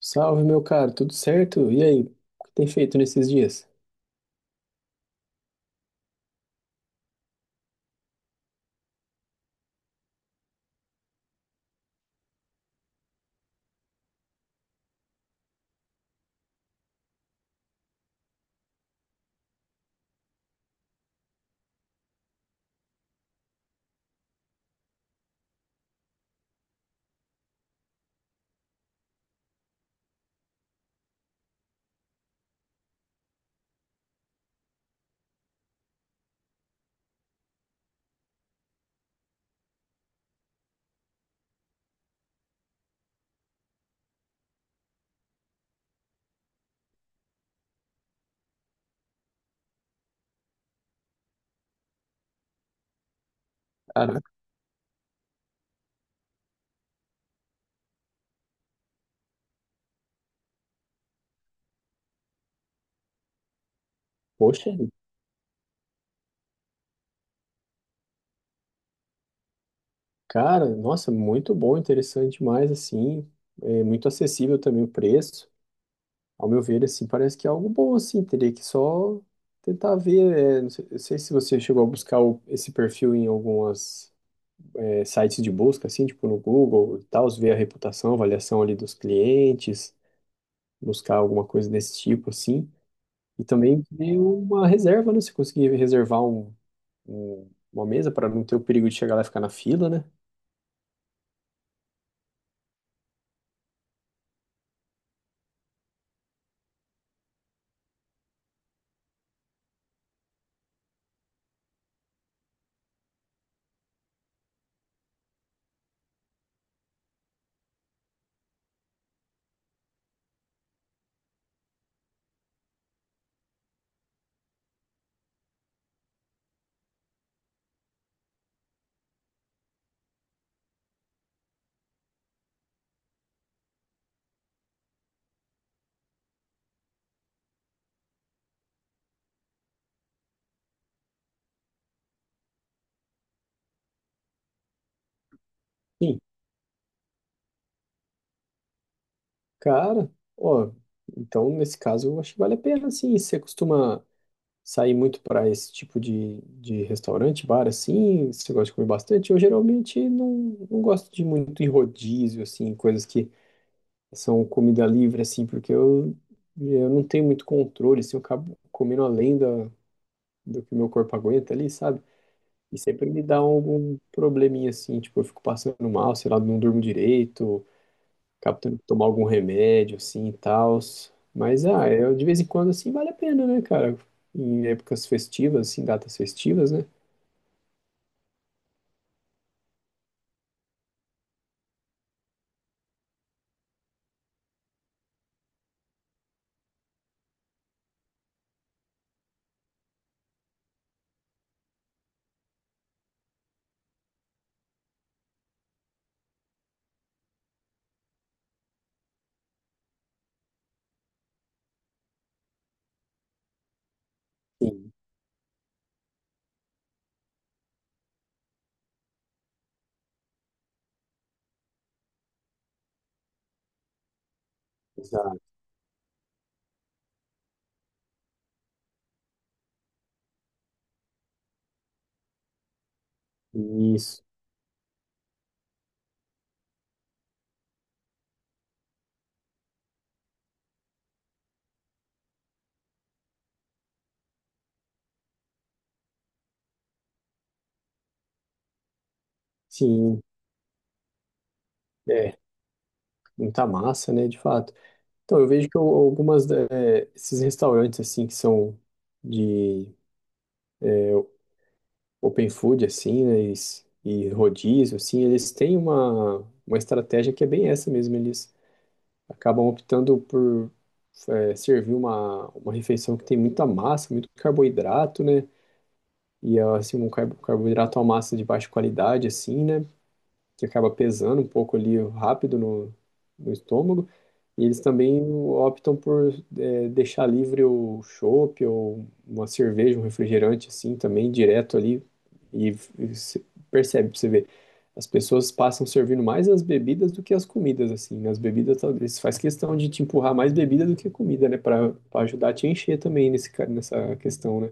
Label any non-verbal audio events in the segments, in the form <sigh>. Salve, meu caro, tudo certo? E aí, o que tem feito nesses dias? Cara, poxa, cara, nossa, muito bom, interessante demais, assim, é muito acessível também o preço. Ao meu ver, assim, parece que é algo bom, assim, teria que só tentar ver, não sei se você chegou a buscar esse perfil em algumas sites de busca, assim, tipo no Google e tal, ver a reputação, avaliação ali dos clientes, buscar alguma coisa desse tipo, assim. E também ver uma reserva, né? Se conseguir reservar uma mesa para não ter o perigo de chegar lá e ficar na fila, né? Sim, cara, ó, então nesse caso eu acho que vale a pena, sim. Você costuma sair muito para esse tipo de restaurante, bar, assim? Você gosta de comer bastante? Eu geralmente não, não gosto de muito em rodízio, assim, coisas que são comida livre, assim, porque eu não tenho muito controle, assim, eu acabo comendo além do que meu corpo aguenta ali, sabe? E sempre me dá algum probleminha assim, tipo, eu fico passando mal, sei lá, não durmo direito. Acabo tendo que tomar algum remédio, assim, e tal. Mas, ah, eu, de vez em quando, assim, vale a pena, né, cara? Em épocas festivas, assim, datas festivas, né? Sim, exato. Isso. Sim, é. Muita massa, né, de fato. Então, eu vejo que algumas, esses restaurantes, assim, que são de é, open food, assim, né, e rodízio, assim, eles têm uma estratégia que é bem essa mesmo, eles acabam optando por servir uma refeição que tem muita massa, muito carboidrato, né? E assim, um carboidrato à massa de baixa qualidade, assim, né? Que acaba pesando um pouco ali rápido no estômago. E eles também optam por deixar livre o chopp ou uma cerveja, um refrigerante assim também direto ali. E, e se- Percebe, você vê, as pessoas passam servindo mais as bebidas do que as comidas assim. Nas bebidas talvez faz questão de te empurrar mais bebida do que comida, né, para para ajudar a te encher também nesse nessa questão, né?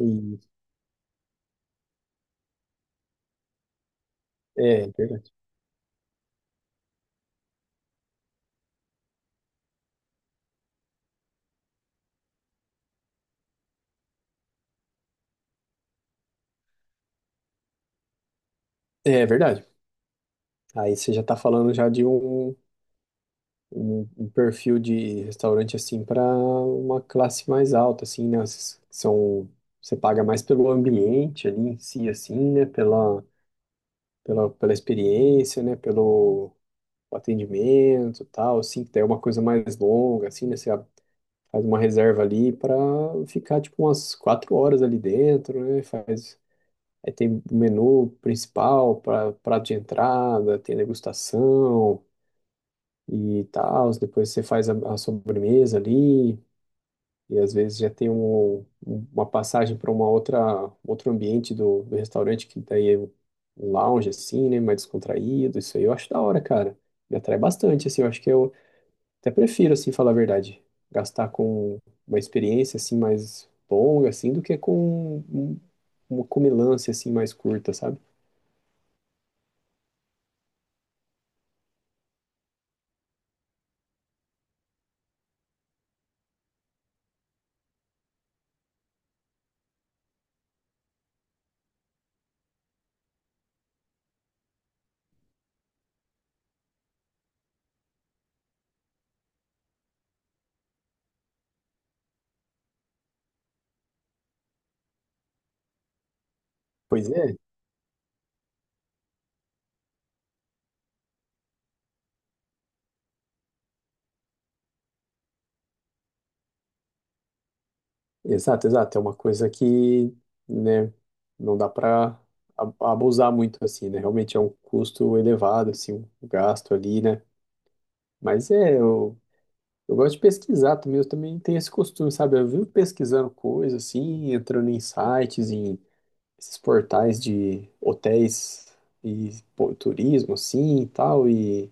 E, é verdade. É verdade. Aí você já tá falando já de um perfil de restaurante assim para uma classe mais alta, assim, né? Esses que são, você paga mais pelo ambiente ali em si, assim, né? Pela experiência, né? Pelo atendimento, e tal, assim, que daí é uma coisa mais longa, assim, né? Você faz uma reserva ali para ficar tipo umas 4 horas ali dentro, né? Faz Aí tem o menu principal, pra, prato de entrada, tem degustação, e tal. Depois você faz a sobremesa ali, e às vezes já tem uma passagem para uma outra outro ambiente do restaurante, que daí é um lounge assim, né, mais descontraído. Isso aí eu acho da hora, cara. Me atrai bastante, assim, eu acho que eu até prefiro, assim, falar a verdade, gastar com uma experiência, assim, mais longa, assim, do que com um, uma comilança, assim, mais curta, sabe? Pois é, exato, exato. É uma coisa que, né, não dá para abusar muito assim, né? Realmente é um custo elevado, assim, um gasto ali, né? Mas é, eu gosto de pesquisar também, eu também tenho esse costume, sabe? Eu vivo pesquisando coisas assim, entrando em sites, em esses portais de hotéis e pô, turismo, assim, e tal, e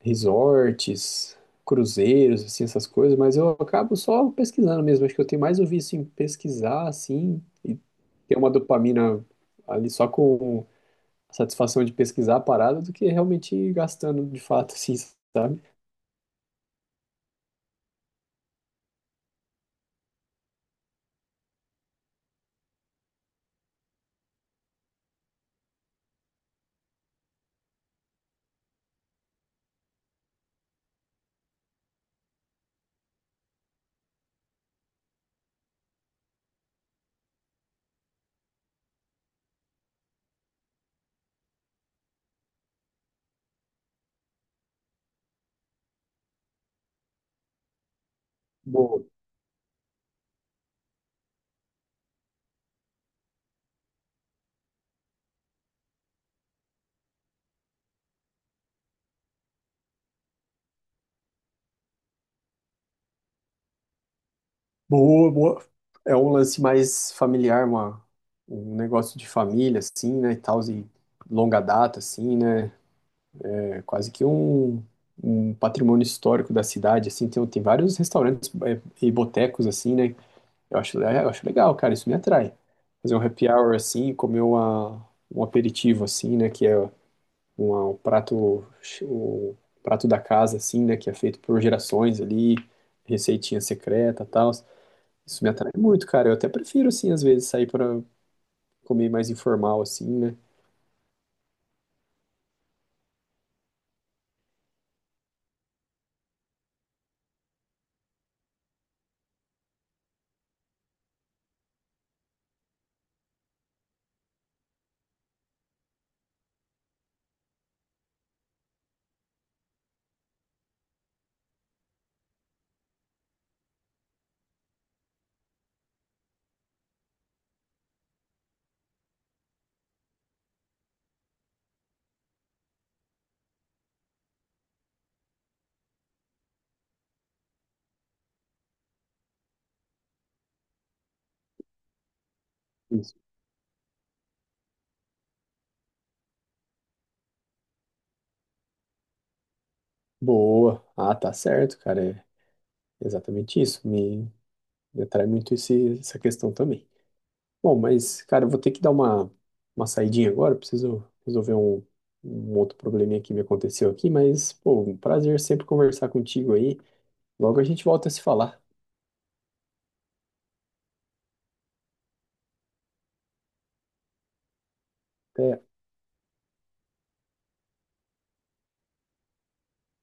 resorts, cruzeiros, assim, essas coisas, mas eu acabo só pesquisando mesmo. Acho que eu tenho mais o vício em pesquisar, assim, e ter uma dopamina ali só com a satisfação de pesquisar a parada do que realmente gastando de fato, <laughs> assim, sabe? Boa, boa, boa. É um lance mais familiar, um negócio de família, assim, né, e tal, e longa data, assim, né? É quase que um patrimônio histórico da cidade, assim, tem vários restaurantes e botecos, assim, né? Eu acho legal, cara, isso me atrai. Fazer um happy hour, assim, e comer um aperitivo, assim, né? Que é um prato, o prato da casa, assim, né? Que é feito por gerações ali, receitinha secreta e tal. Isso me atrai muito, cara. Eu até prefiro, assim, às vezes, sair para comer mais informal, assim, né? Isso. Boa. Ah, tá certo, cara. É exatamente isso. Ele atrai muito esse, essa questão também. Bom, mas, cara, eu vou ter que dar uma saidinha agora. Eu preciso resolver um outro probleminha que me aconteceu aqui. Mas, pô, um prazer sempre conversar contigo aí. Logo a gente volta a se falar. Até